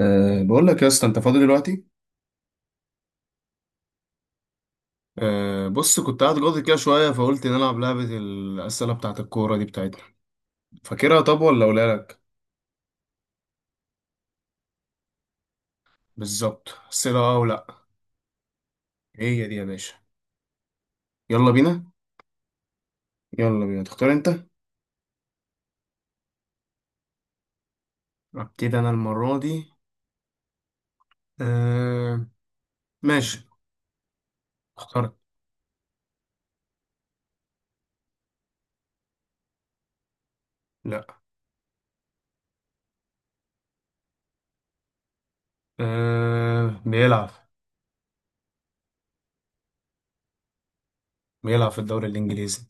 بقول لك يا اسطى، انت فاضي دلوقتي؟ بص، كنت قاعد جاضي كده شويه، فقلت نلعب لعبه الاسئله بتاعه الكوره دي بتاعتنا. فاكرها؟ طب ولا اقولها لك. بالظبط، اسئله ولا. هي دي يا باشا. يلا بينا. يلا بينا، تختار انت. ابتدي انا المره دي. أه ماشي. اختار. لا. أه، بيلعب. بيلعب في الدوري الانجليزي.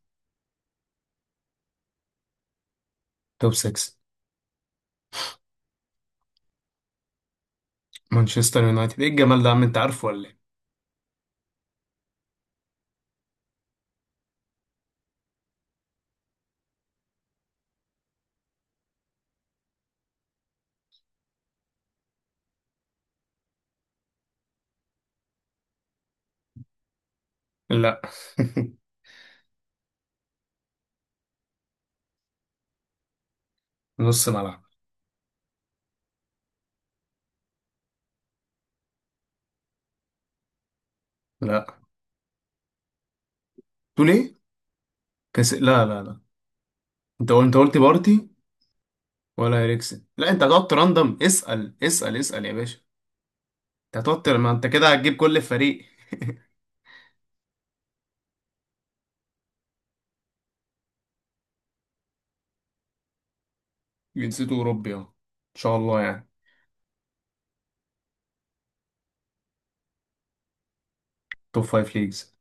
توب 6. مانشستر يونايتد، ايه الجمال ده يا عم؟ انت عارفه ولا ايه؟ لا. نص ملعب. لا. تقول ايه؟ لا لا لا. انت قلت بارتي. ولا اريكسن؟ لا، انت هتقعد تراندم اسال اسال اسال يا باشا. انت هتقعد ما انت كده هتجيب كل فريق. جنسيته اوروبي؟ اهو ان شاء الله يعني. توب فايف ليجز.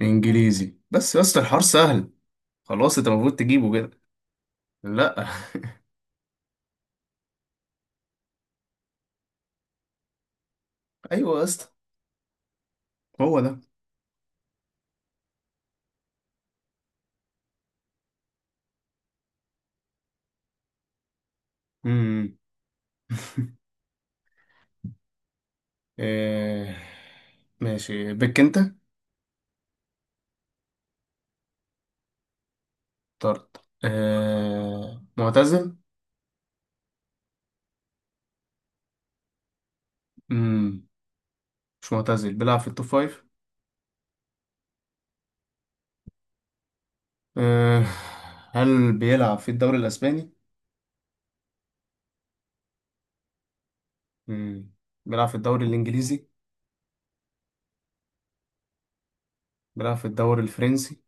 انجليزي؟ بس يا اسطى الحوار سهل. خلاص انت المفروض تجيبه كده. لا. ايوه يا اسطى. هو ده. امم. إيه... ماشي بك انت. طرد. معتزل؟ امم. مش معتزل، بيلعب في التوب فايف. إيه... هل بيلعب في الدوري الاسباني؟ مم. بيلعب في الدوري الإنجليزي؟ بيلعب في الدوري الفرنسي؟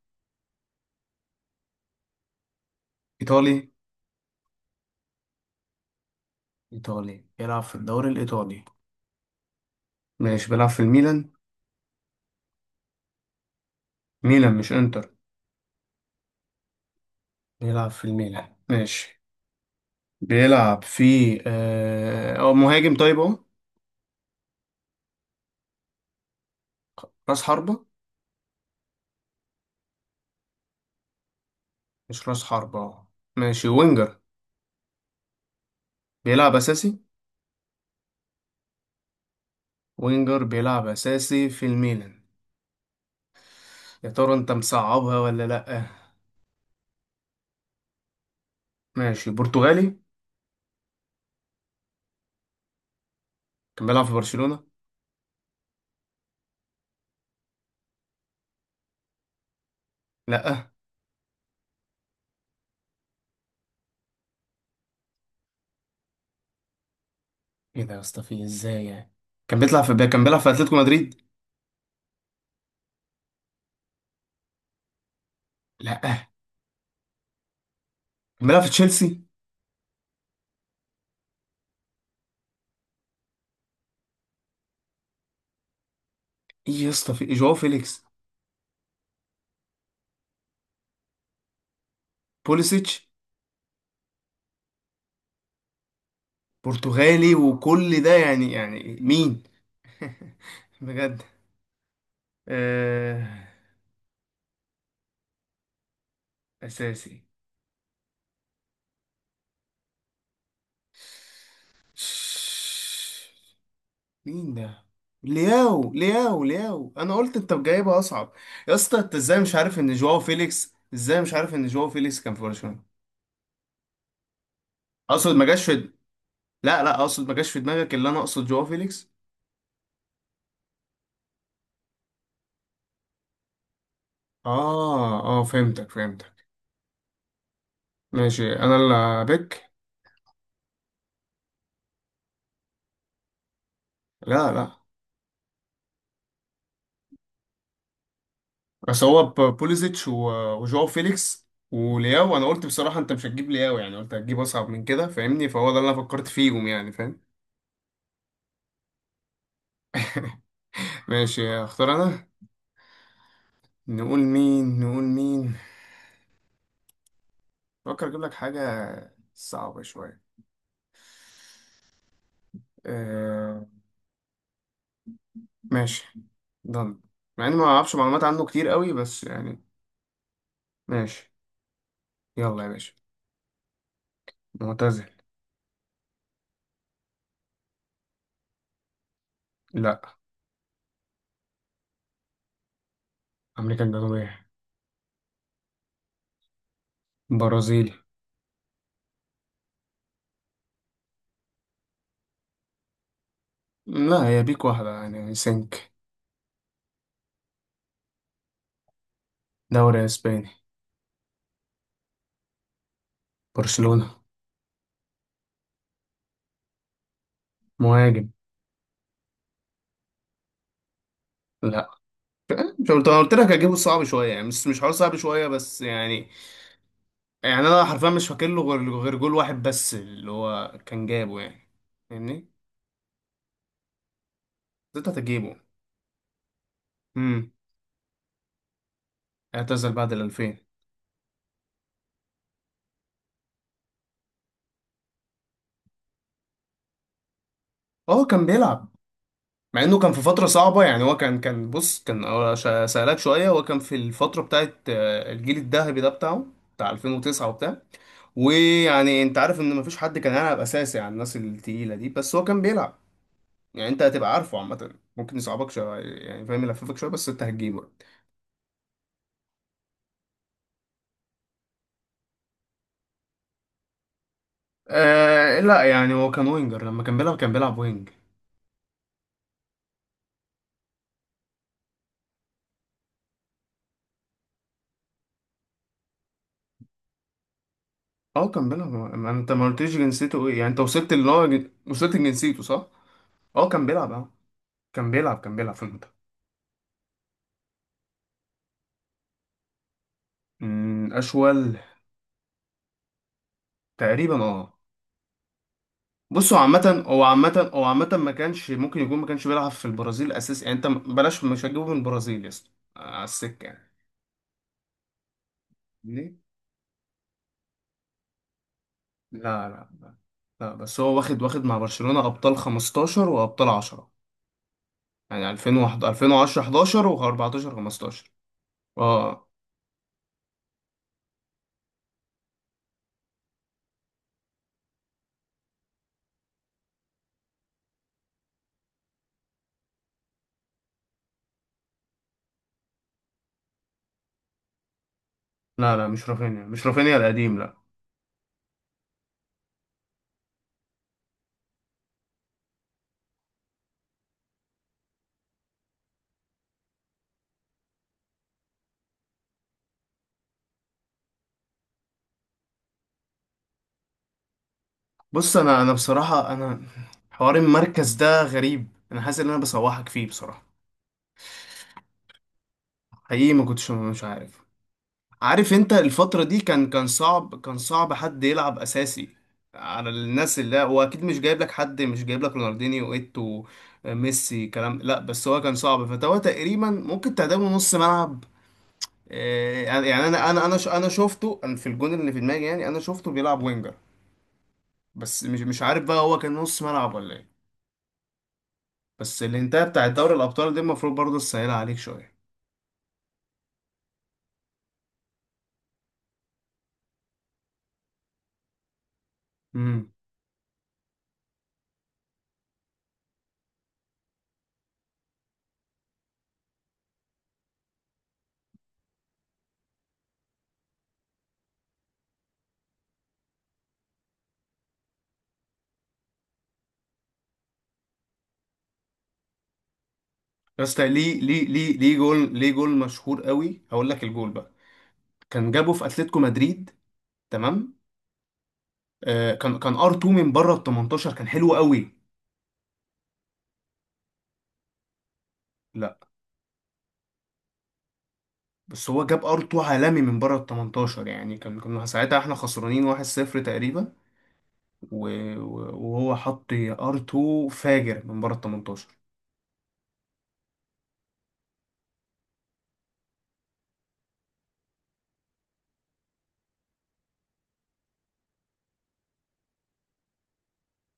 إيطالي؟ إيطالي، بيلعب في الدوري الإيطالي. ماشي، بيلعب في الميلان. ميلان مش إنتر. بيلعب في الميلان، ماشي. بيلعب في أو مهاجم، طيب أهو. راس حربة؟ مش راس حربة أهو. ماشي وينجر. بيلعب أساسي؟ وينجر بيلعب أساسي في الميلان. يا ترى أنت مصعبها ولا لأ؟ ماشي، برتغالي. كان بيلعب في برشلونة؟ لأ. إيه ده يا اسطى، في إزاي يعني؟ كان بيلعب في أتلتيكو مدريد. لا. عملها في تشيلسي. ايه يا اسطى، في جواو فيليكس؟ بوليسيتش؟ برتغالي وكل ده، يعني مين؟ بجد. آه. اساسي. مين ده؟ لياو لياو لياو، انا قلت انت جايبها اصعب. يا اسطى، انت ازاي مش عارف ان جواو فيليكس، ازاي مش عارف ان جواو فيليكس كان في برشلونة؟ اقصد ما جاش في لا لا، اقصد ما جاش في دماغك، اللي انا اقصد جواو فيليكس. اه اه، فهمتك فهمتك. ماشي، انا اللي بك. لا لا، بس هو بوليزيتش وجواو فيليكس ولياو. انا قلت بصراحة انت مش هتجيب لياو يعني، قلت هتجيب اصعب من كده فاهمني، فهو ده اللي انا فكرت فيهم يعني فاهم. ماشي، اختار انا. نقول مين نقول مين؟ فكر اجيب لك حاجة صعبة شوية. آه. ماشي. ضن. مع اني ما اعرفش معلومات عنه كتير قوي بس يعني. ماشي. يلا يا باشا. معتزل؟ لا. امريكا الجنوبية؟ برازيلي. لا، هي بيك واحدة يعني سنك. دوري اسباني؟ برشلونة. مهاجم؟ لا. مش قلت انا قلت لك هجيبه صعب شويه يعني، مش حوار صعب شويه بس يعني. يعني انا حرفيا مش فاكر له غير جول واحد بس اللي هو كان جابه يعني. فاهمني. بس انت هتجيبه. امم. اعتزل بعد ال 2000. اه، كان بيلعب. مع انه كان في فتره صعبه يعني، هو كان بص، كان سألك شويه. هو كان في الفتره بتاعت الجيل الذهبي ده بتاعه، بتاع 2009 وبتاع. ويعني انت عارف ان مفيش حد كان هيلعب اساسي على الناس التقيله دي، بس هو كان بيلعب. يعني انت هتبقى عارفه عامة، ممكن يصعبك شوية يعني فاهم، يلففك شوية بس انت هتجيبه. آه لا، يعني هو كان وينجر، لما كان بيلعب وينج. اه كان بيلعب، ما انت ما قلتليش جنسيته ايه يعني، انت وصلت اللي هو وصلت لجنسيته صح؟ اه كان بيلعب اه. كان بيلعب في المنتخب. اشول. تقريبا اه. بص، هو عامة ما كانش ممكن يكون، ما كانش بيلعب في البرازيل اساسي، يعني انت بلاش، مش هتجيبه من البرازيل يا اسطى. على السكة يعني. لا لا لا لا، بس هو واخد مع برشلونة أبطال 15 وأبطال 10. يعني 2001، 2010، 11 و14، 15. اه. لا لا، مش رافينيا، مش رافينيا القديم لا. بص، انا بصراحة انا، حوار المركز ده غريب، انا حاسس ان انا بصوحك فيه بصراحة. حقيقي ما كنتش مش عارف. عارف انت الفترة دي، كان صعب، كان صعب حد يلعب اساسي على الناس، اللي هو اكيد مش جايب لك رونالدينيو، ايتو، ميسي، كلام، لا. بس هو كان صعب، فهو تقريبا ممكن تعدمه نص ملعب. يعني انا شفته، انا في الجون اللي في دماغي يعني، انا شفته بيلعب وينجر. بس مش عارف بقى، هو كان نص ملعب ولا ايه. بس الانتهاء بتاع دوري الابطال دي المفروض برضه تسهلها عليك شوية. امم. بس ليه جول، ليه جول مشهور قوي. هقول لك الجول بقى. كان جابه في اتلتيكو مدريد. تمام. كان ار 2 من بره ال 18، كان حلو قوي. لا. بس هو جاب ار 2 عالمي من بره ال 18، يعني كنا ساعتها احنا خسرانين 1-0 تقريبا. وهو حط ار 2 فاجر من بره ال 18.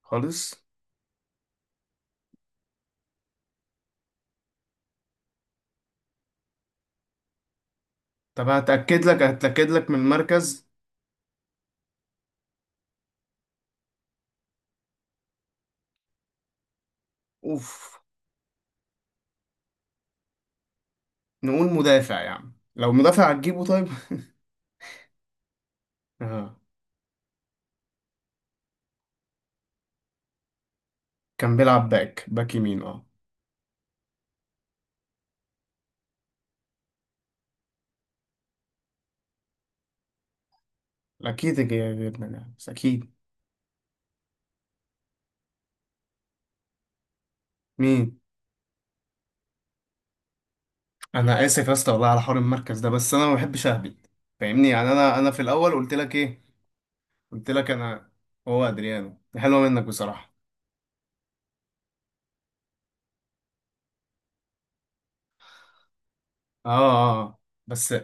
خالص. طب هتاكد لك من المركز. اوف. نقول مدافع، يعني لو مدافع هتجيبه طيب. آه. كان بيلعب باك يمين اه. اكيد جبنا ده، بس اكيد. مين. انا اسف يا اسطى والله على حوار المركز ده، بس انا ما بحبش اهبد. فاهمني، يعني انا في الاول قلت لك ايه. قلت لك انا. هو ادريانو، ده حلوه منك بصراحه. اه اه آه. بس.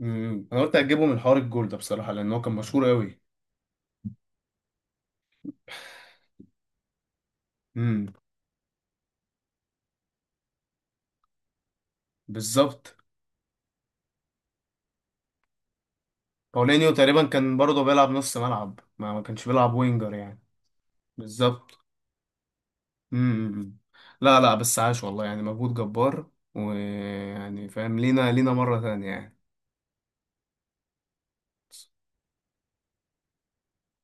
انا قلت اجيبه من حوار الجول ده بصراحه، لان هو كان مشهور قوي. امم. بالظبط. باولينيو تقريبا كان برضه بيلعب نص ملعب، ما كانش بيلعب وينجر يعني. بالظبط. امم. لا لا، بس عاش والله، يعني مجهود جبار، ويعني فاهم لينا، لينا مره ثانيه يعني.